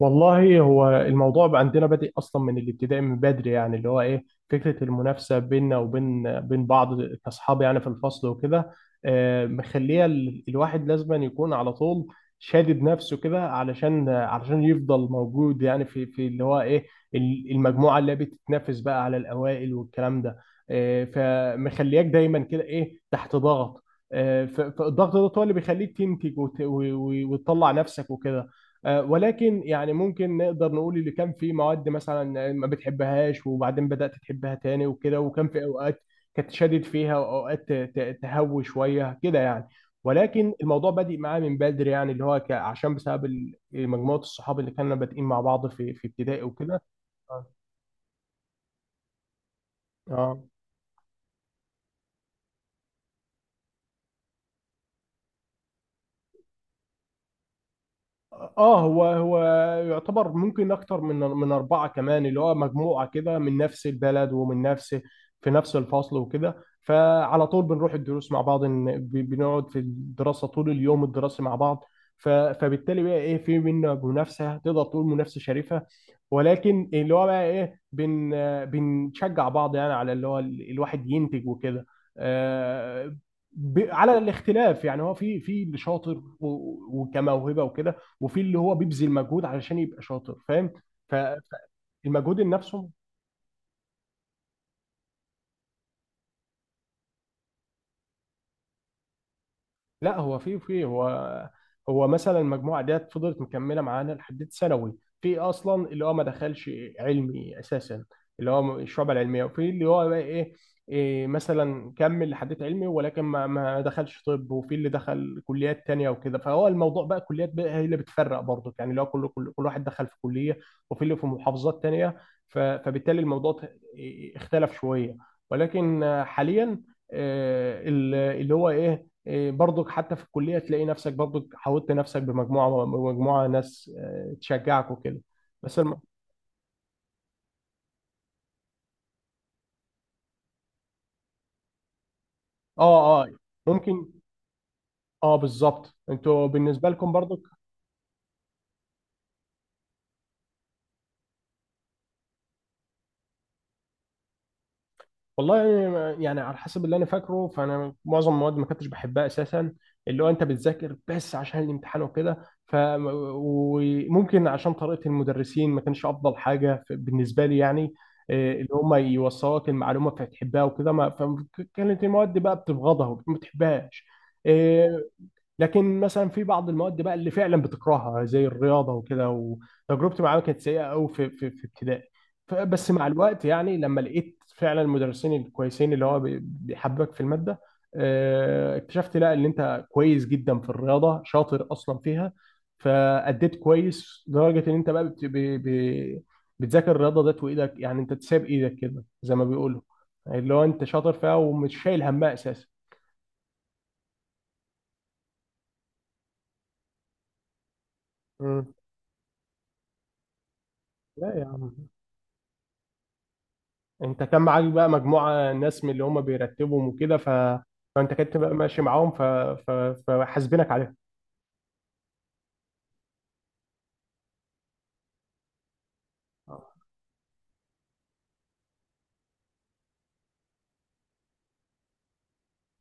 والله هو الموضوع بقى عندنا بادئ اصلا من الابتدائي من بدري يعني اللي هو ايه فكره المنافسه بيننا وبين بعض كاصحاب يعني في الفصل وكده. مخليه الواحد لازما يكون على طول شادد نفسه كده علشان يفضل موجود يعني في اللي هو ايه المجموعه اللي بتتنافس بقى على الاوائل والكلام ده. فمخلياك دايما كده ايه تحت ضغط. فالضغط ده هو اللي بيخليك تنتج وت- و- و- وتطلع نفسك وكده. ولكن يعني ممكن نقدر نقول اللي كان في مواد مثلا ما بتحبهاش وبعدين بدأت تحبها تاني وكده، وكان في اوقات كانت شادد فيها واوقات تهوي شويه كده يعني. ولكن الموضوع بادئ معايا من بدري يعني اللي هو عشان بسبب مجموعه الصحاب اللي كنا بادئين مع بعض في ابتدائي وكده. اه اه، هو يعتبر ممكن اكتر من اربعه كمان، اللي هو مجموعه كده من نفس البلد ومن نفس، في نفس الفصل وكده. فعلى طول بنروح الدروس مع بعض بنقعد في الدراسه طول اليوم الدراسي مع بعض. فبالتالي بقى ايه في منافسه تقدر تقول منافسه شريفه، ولكن اللي هو بقى ايه بنشجع بعض يعني على اللي هو الواحد ينتج وكده. آه، على الاختلاف يعني، هو في اللي شاطر و- وكموهبه وكده، وفي اللي هو بيبذل مجهود علشان يبقى شاطر، فاهم؟ ف- فالمجهود النفسي. لا هو في هو مثلا المجموعه ديت فضلت مكمله معانا لحد ثانوي. في اصلا اللي هو ما دخلش علمي اساسا، اللي هو الشعب العلميه، وفي اللي هو بقى ايه، إيه مثلا كمل لحد علمي ولكن ما دخلش طب، وفي اللي دخل كليات تانية وكده. فهو الموضوع بقى كليات بقى هي اللي بتفرق برضه، يعني اللي هو كل واحد دخل في كليه، وفي اللي في محافظات تانية. فبالتالي الموضوع ت- إيه، إيه، اختلف شويه. ولكن حاليا اللي هو ايه، إيه، برضك حتى في الكليه تلاقي نفسك برضك حاولت نفسك بمجموعه، مجموعه ناس تشجعك وكده. بس الم... اه اه، ممكن، اه بالظبط، انتوا بالنسبه لكم برضك. والله يعني على حسب اللي انا فاكره، فانا معظم المواد ما كنتش بحبها اساسا، اللي هو انت بتذاكر بس عشان الامتحان وكده. وممكن عشان طريقه المدرسين ما كانش افضل حاجه بالنسبه لي يعني، إيه، اللي هم يوصلوك المعلومه فتحبها وكده. ما فكانت المواد دي بقى بتبغضها وما بتحبهاش. آه، لكن مثلا في بعض المواد بقى اللي فعلا بتكرهها زي الرياضه وكده، وتجربتي معاها كانت سيئه قوي في في ابتدائي. بس مع الوقت يعني لما لقيت فعلا المدرسين الكويسين اللي هو بيحببك في الماده. اكتشفت لا ان انت كويس جدا في الرياضه، شاطر اصلا فيها. فاديت كويس لدرجه ان انت بقى بتذاكر الرياضه ديت وايدك، يعني انت تساب ايدك كده زي ما بيقولوا. اللي هو انت شاطر فيها ومش شايل همها اساسا. مم. لا يا عم، انت كان معاك بقى مجموعة ناس من اللي هم بيرتبهم وكده، فانت كنت بقى ماشي معاهم، ف... فحاسبينك عليها.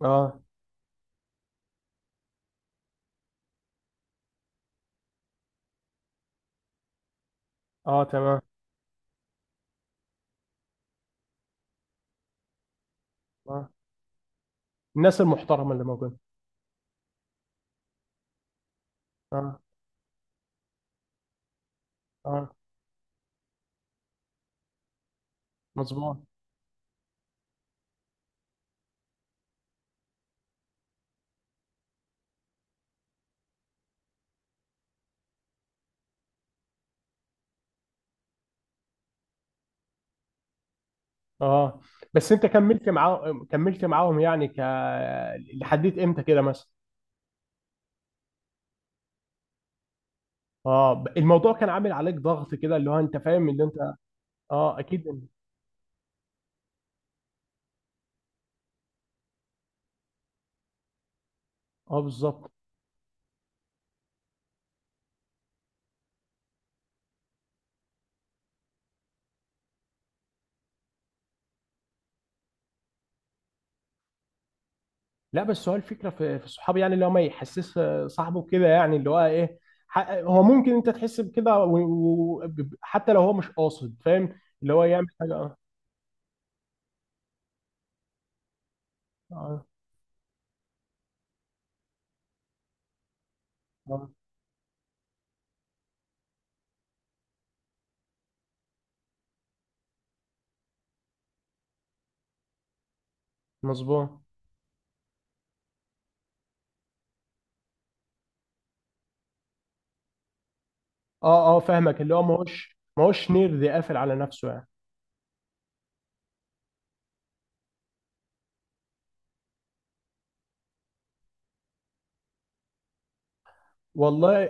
اه اه، تمام، اه الناس المحترمة اللي موجودة. اه اه، مظبوط. اه بس انت كملت معاهم، كملت معاهم يعني، لحديت امتى كده مثلا؟ اه، الموضوع كان عامل عليك ضغط كده، اللي هو انت فاهم اللي انت، اه اكيد، اه بالظبط. لا بس هو الفكره في في الصحاب يعني، اللي هو ما يحسس صاحبه كده، يعني اللي هو ايه، هو ممكن انت تحس بكده، حتى لو هو مش قاصد، فاهم؟ اللي هو يعمل حاجه. اه اه، آه، مظبوط. اه اه، فاهمك، اللي هو ما هوش نير قافل على نفسه يعني. والله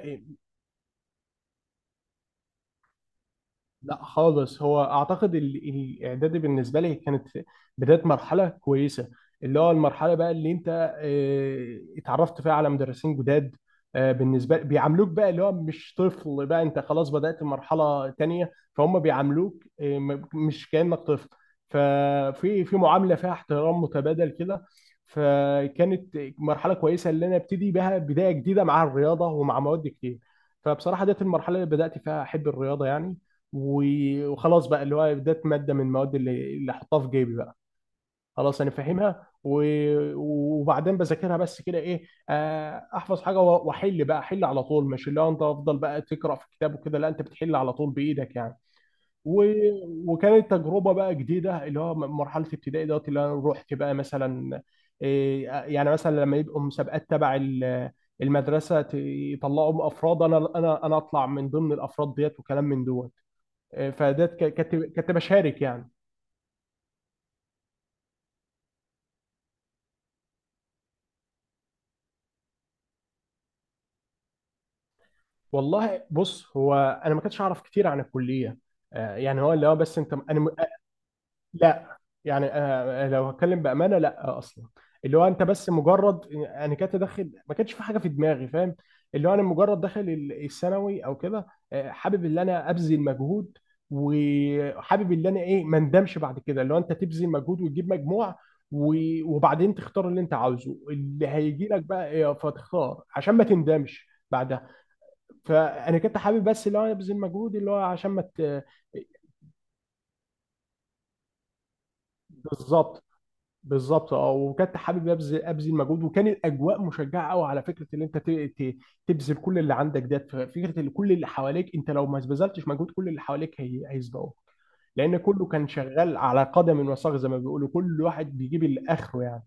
لا خالص، هو اعتقد الاعدادي بالنسبه لي كانت بدايه مرحله كويسه، اللي هو المرحله بقى اللي انت اتعرفت فيها على مدرسين جداد. بالنسبه بيعاملوك بقى اللي هو مش طفل بقى، انت خلاص بدات مرحله تانية، فهم بيعاملوك مش كانك طفل. ففي في معامله فيها احترام متبادل كده. فكانت مرحله كويسه اللي انا ابتدي بها بدايه جديده مع الرياضه ومع مواد كتير. فبصراحه ديت المرحله اللي بدات فيها احب الرياضه يعني، و- وخلاص بقى، اللي هو ده ماده من المواد اللي احطها في جيبي بقى. خلاص انا فاهمها، و- وبعدين بذاكرها بس كده ايه، احفظ حاجه و- واحل بقى، احل على طول، مش اللي هو انت افضل بقى تقرا في كتاب وكده، لا انت بتحل على طول بايدك يعني. و- وكانت تجربه بقى جديده، اللي هو مرحله ابتدائي دوت اللي انا رحت بقى مثلا، إيه، يعني مثلا لما يبقوا مسابقات تبع المدرسه، يطلعوا افراد، انا اطلع من ضمن الافراد ديت وكلام من دول. آه، فده ك- كنت بشارك يعني. والله بص، هو انا ما كنتش اعرف كتير عن الكليه، يعني هو اللي هو بس انت انا، لا يعني، لو هتكلم بامانه، لا، اصلا اللي هو انت بس مجرد انا كنت داخل، ما كانش في حاجه في دماغي فاهم. اللي هو انا مجرد داخل الثانوي او كده، حابب ان انا ابذل مجهود، وحابب ان انا ايه ما اندمش بعد كده، اللي هو انت تبذل مجهود وتجيب مجموع، و- وبعدين تختار اللي انت عاوزه، اللي هيجي لك بقى فتختار عشان ما تندمش بعدها. فانا كنت حابب بس اللي هو أنا ابذل مجهود اللي هو عشان ما ت... بالظبط بالظبط. اه، وكنت حابب ابذل، ابذل مجهود، وكان الاجواء مشجعه قوي على فكره ان انت تبذل كل اللي عندك ده، فكره ان كل اللي حواليك، انت لو ما بذلتش مجهود، كل اللي حواليك هي هيسبقوك، لان كله كان شغال على قدم وساق زي ما بيقولوا، كل واحد بيجيب اللي اخره يعني.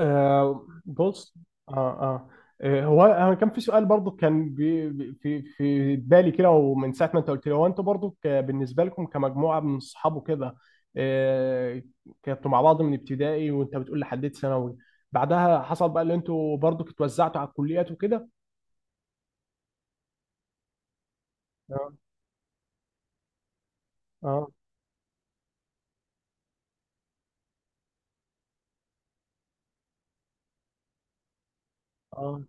بص، آه, آه هو انا كان في سؤال برضو كان في بالي كده، ومن ساعه ما انت قلت لي هو انتوا برضو بالنسبه لكم كمجموعه من الصحاب وكده. آه كنتوا مع بعض من ابتدائي وانت بتقول لحد ثانوي، بعدها حصل بقى اللي انتوا برضو اتوزعتوا على الكليات وكده. اه اه،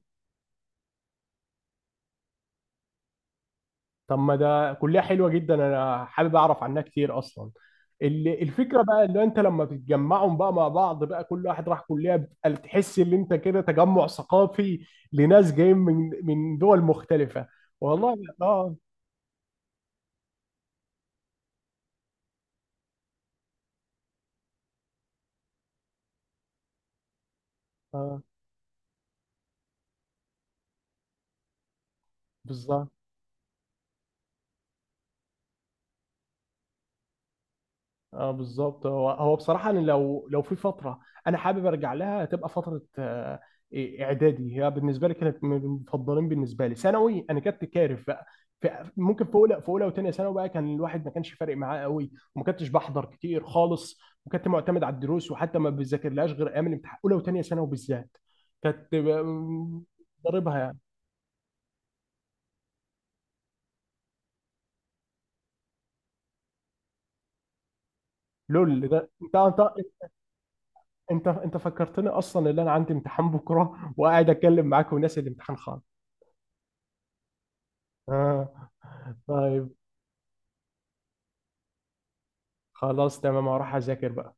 طب ما ده كلية حلوة جدا، انا حابب اعرف عنها كتير اصلا. الفكرة بقى اللي انت لما بتجمعهم بقى مع بعض، بقى كل واحد راح كلية، بتبقى تحس ان انت كده تجمع ثقافي لناس جايين من دول مختلفة. والله اه اه بالظبط، اه بالظبط، هو بصراحه انا لو في فتره انا حابب ارجع لها هتبقى فتره إيه، اعدادي، هي بالنسبه لي كانت من المفضلين. بالنسبه لي ثانوي انا كنت كارف بقى، في ممكن في اولى وثانيه ثانوي بقى كان الواحد ما كانش فارق معاه قوي، وما كنتش بحضر كتير خالص، وكنت معتمد على الدروس، وحتى ما بذاكرلهاش غير ايام الامتحان، اولى وثانيه ثانوي بالذات كانت ضاربها يعني. لول، ده انت فكرتني اصلا ان انا عندي امتحان بكره وقاعد اتكلم معاك وناسي الامتحان خالص. آه. طيب خلاص تمام، هروح اذاكر بقى.